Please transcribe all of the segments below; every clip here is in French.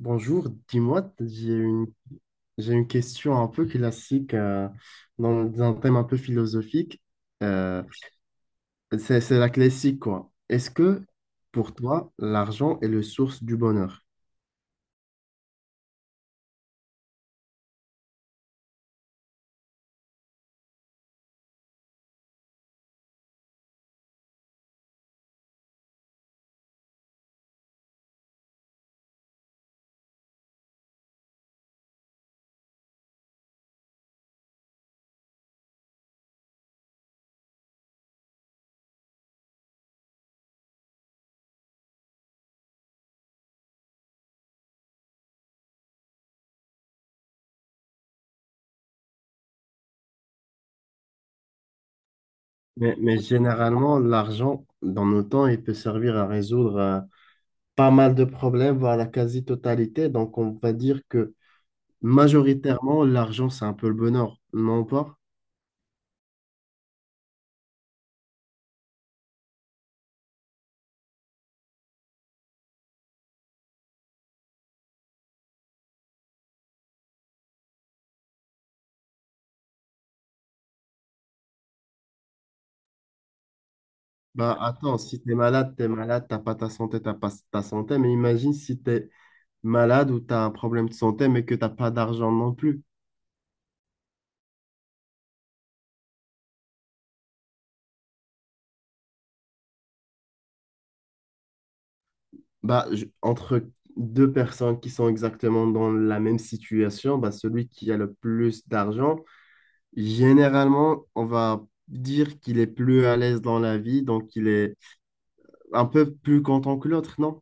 Bonjour, dis-moi, j'ai j'ai une question un peu classique, dans un thème un peu philosophique. Euh, c'est la classique, quoi. Est-ce que pour toi, l'argent est le source du bonheur? Mais généralement, l'argent, dans nos temps, il peut servir à résoudre pas mal de problèmes, voire la quasi-totalité. Donc, on va dire que majoritairement, l'argent, c'est un peu le bonheur, non pas? Bah attends, si t'es malade, t'es malade, t'as pas ta santé, mais imagine si t'es malade ou tu as un problème de santé mais que tu n'as pas d'argent non plus. Entre deux personnes qui sont exactement dans la même situation, bah, celui qui a le plus d'argent, généralement, on va dire qu'il est plus à l'aise dans la vie, donc il est un peu plus content que l'autre, non?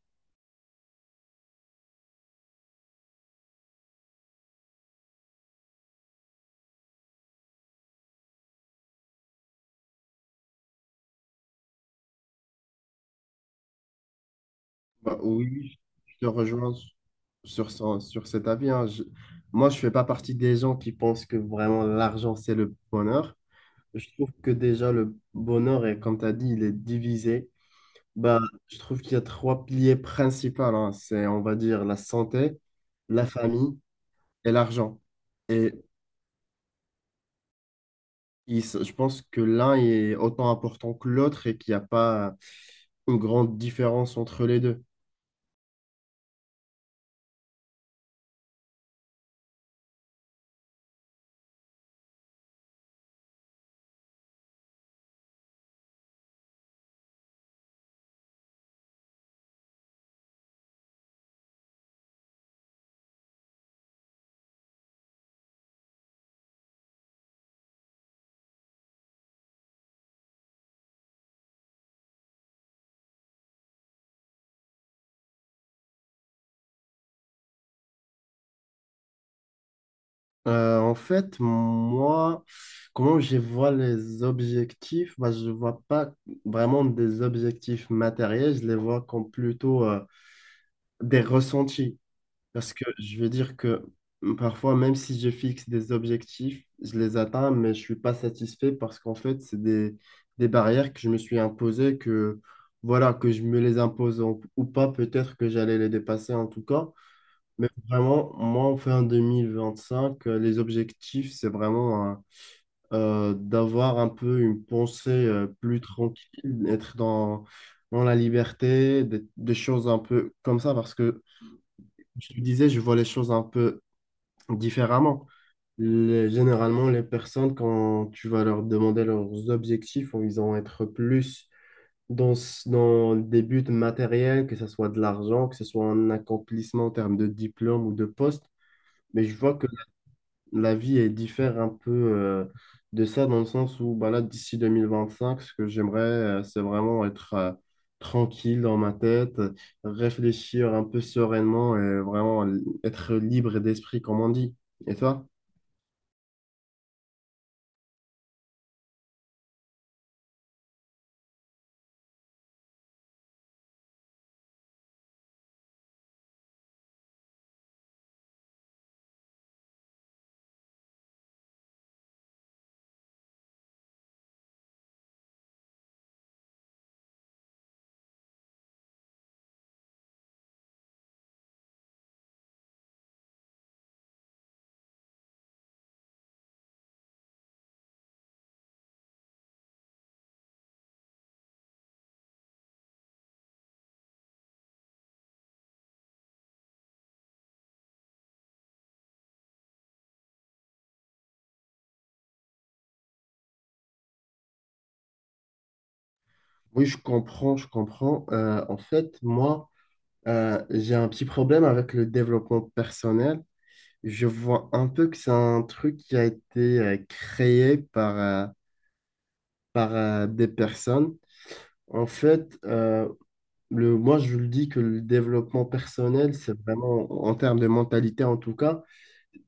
Bah, oui, je te rejoins sur cet avis, hein. Moi, je fais pas partie des gens qui pensent que vraiment l'argent, c'est le bonheur. Je trouve que déjà, le bonheur, est, comme tu as dit, il est divisé. Bah, je trouve qu'il y a trois piliers principaux, hein. C'est, on va dire, la santé, la famille et l'argent. Et je pense que l'un est autant important que l'autre et qu'il n'y a pas une grande différence entre les deux. En fait, moi, comment je vois les objectifs? Bah, je ne vois pas vraiment des objectifs matériels, je les vois comme plutôt des ressentis. Parce que je vais dire que parfois, même si je fixe des objectifs, je les atteins, mais je suis pas satisfait parce qu'en fait, des barrières que je me suis imposées, que voilà, que je me les impose ou pas, peut-être que j'allais les dépasser en tout cas. Mais vraiment, moi, fin 2025, les objectifs, c'est vraiment, hein, d'avoir un peu une pensée plus tranquille, être dans la liberté, des choses un peu comme ça, parce que je te disais, je vois les choses un peu différemment. Généralement, les personnes, quand tu vas leur demander leurs objectifs, ils vont être plus dans des buts matériels, que ce soit de l'argent, que ce soit un accomplissement en termes de diplôme ou de poste. Mais je vois que la vie est diffère un peu, de ça, dans le sens où bah là, d'ici 2025, ce que j'aimerais, c'est vraiment être, tranquille dans ma tête, réfléchir un peu sereinement et vraiment être libre d'esprit, comme on dit. Et toi? Oui, je comprends, je comprends. En fait, moi, j'ai un petit problème avec le développement personnel. Je vois un peu que c'est un truc qui a été créé par, des personnes. En fait, moi, je le dis que le développement personnel, c'est vraiment, en termes de mentalité en tout cas,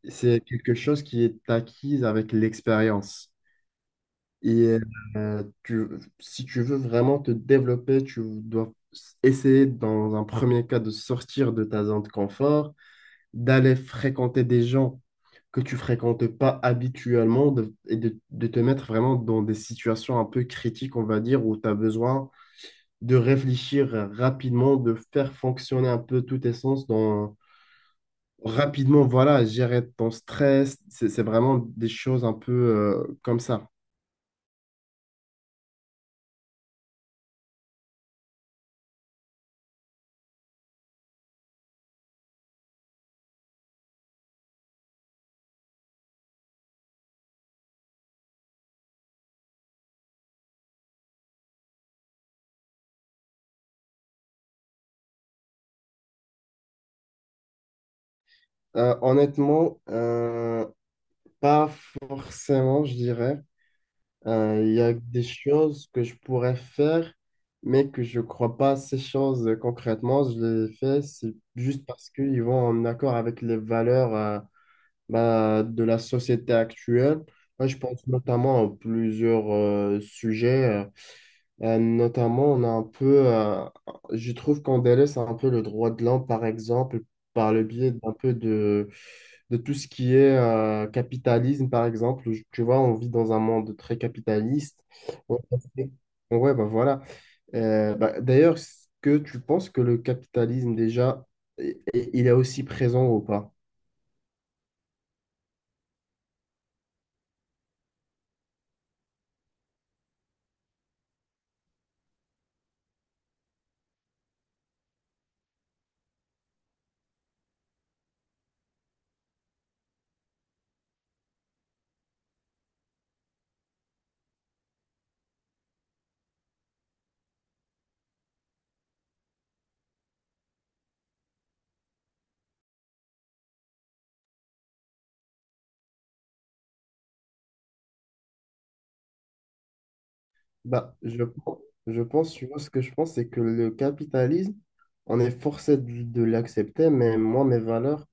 c'est quelque chose qui est acquise avec l'expérience. tu- Si tu veux vraiment te développer, tu dois essayer dans un premier cas de sortir de ta zone de confort, d'aller fréquenter des gens que tu fréquentes pas habituellement et de te mettre vraiment dans des situations un peu critiques, on va dire, où tu as besoin de réfléchir rapidement, de faire fonctionner un peu tous tes sens dans… Rapidement, voilà, gérer ton stress, c'est vraiment des choses un peu, comme ça. Honnêtement, pas forcément, je dirais. Il y a des choses que je pourrais faire, mais que je crois pas ces choses, concrètement. Je les fais, c'est juste parce qu'ils vont en accord avec les valeurs, bah, de la société actuelle. Moi, je pense notamment à plusieurs sujets. Notamment, on a un peu, je trouve qu'on délaisse un peu le droit de l'homme, par exemple, par le biais d'un peu de tout ce qui est, capitalisme, par exemple. Tu vois, on vit dans un monde très capitaliste. Ouais, ouais, bah voilà. Bah, d'ailleurs, est-ce que tu penses que le capitalisme, déjà, il est aussi présent ou pas? Bah, je, je pense, tu vois, ce que je pense, c'est que le capitalisme, on est forcé de l'accepter, mais moi, mes valeurs,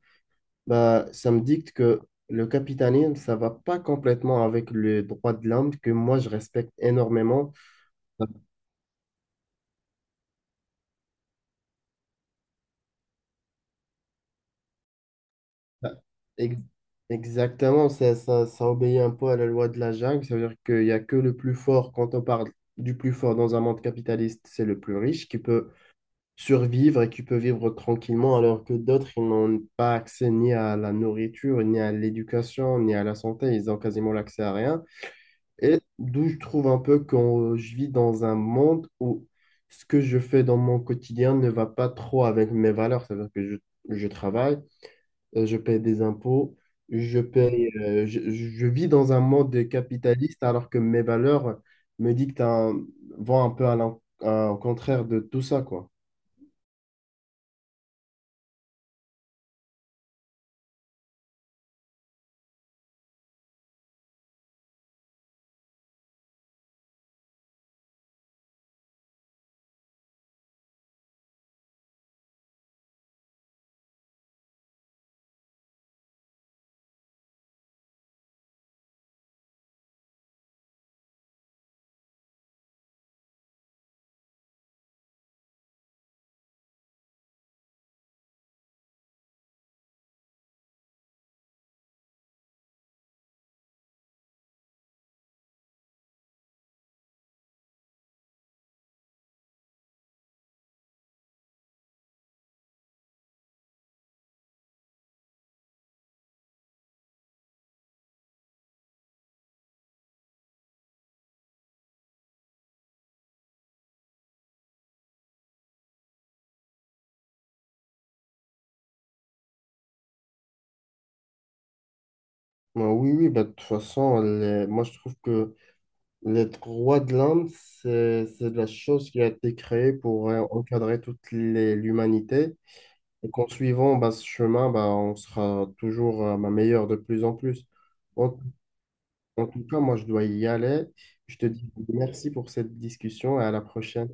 bah, ça me dicte que le capitalisme, ça va pas complètement avec le droit de l'homme que moi je respecte énormément. Ça- ça- ex- Exactement, ça obéit un peu à la loi de la jungle. Ça veut dire qu'il n'y a que le plus fort, quand on parle du plus fort dans un monde capitaliste, c'est le plus riche qui peut survivre et qui peut vivre tranquillement, alors que d'autres, ils n'ont pas accès ni à la nourriture, ni à l'éducation, ni à la santé. Ils ont quasiment l'accès à rien. Et d'où je trouve un peu que je vis dans un monde où ce que je fais dans mon quotidien ne va pas trop avec mes valeurs. C'est-à-dire que je travaille, je paye des impôts, je paye, je vis dans un monde capitaliste alors que mes valeurs me dictent vont un peu à au contraire de tout ça, quoi. Ouais, oui, oui, bah, de toute façon, moi je trouve que les droits de l'homme, c'est la chose qui a été créée pour, encadrer l'humanité. Et qu'en suivant bah, ce chemin, bah, on sera toujours, bah, meilleur de plus en plus. En, en tout cas, moi, je dois y aller. Je te dis merci pour cette discussion et à la prochaine.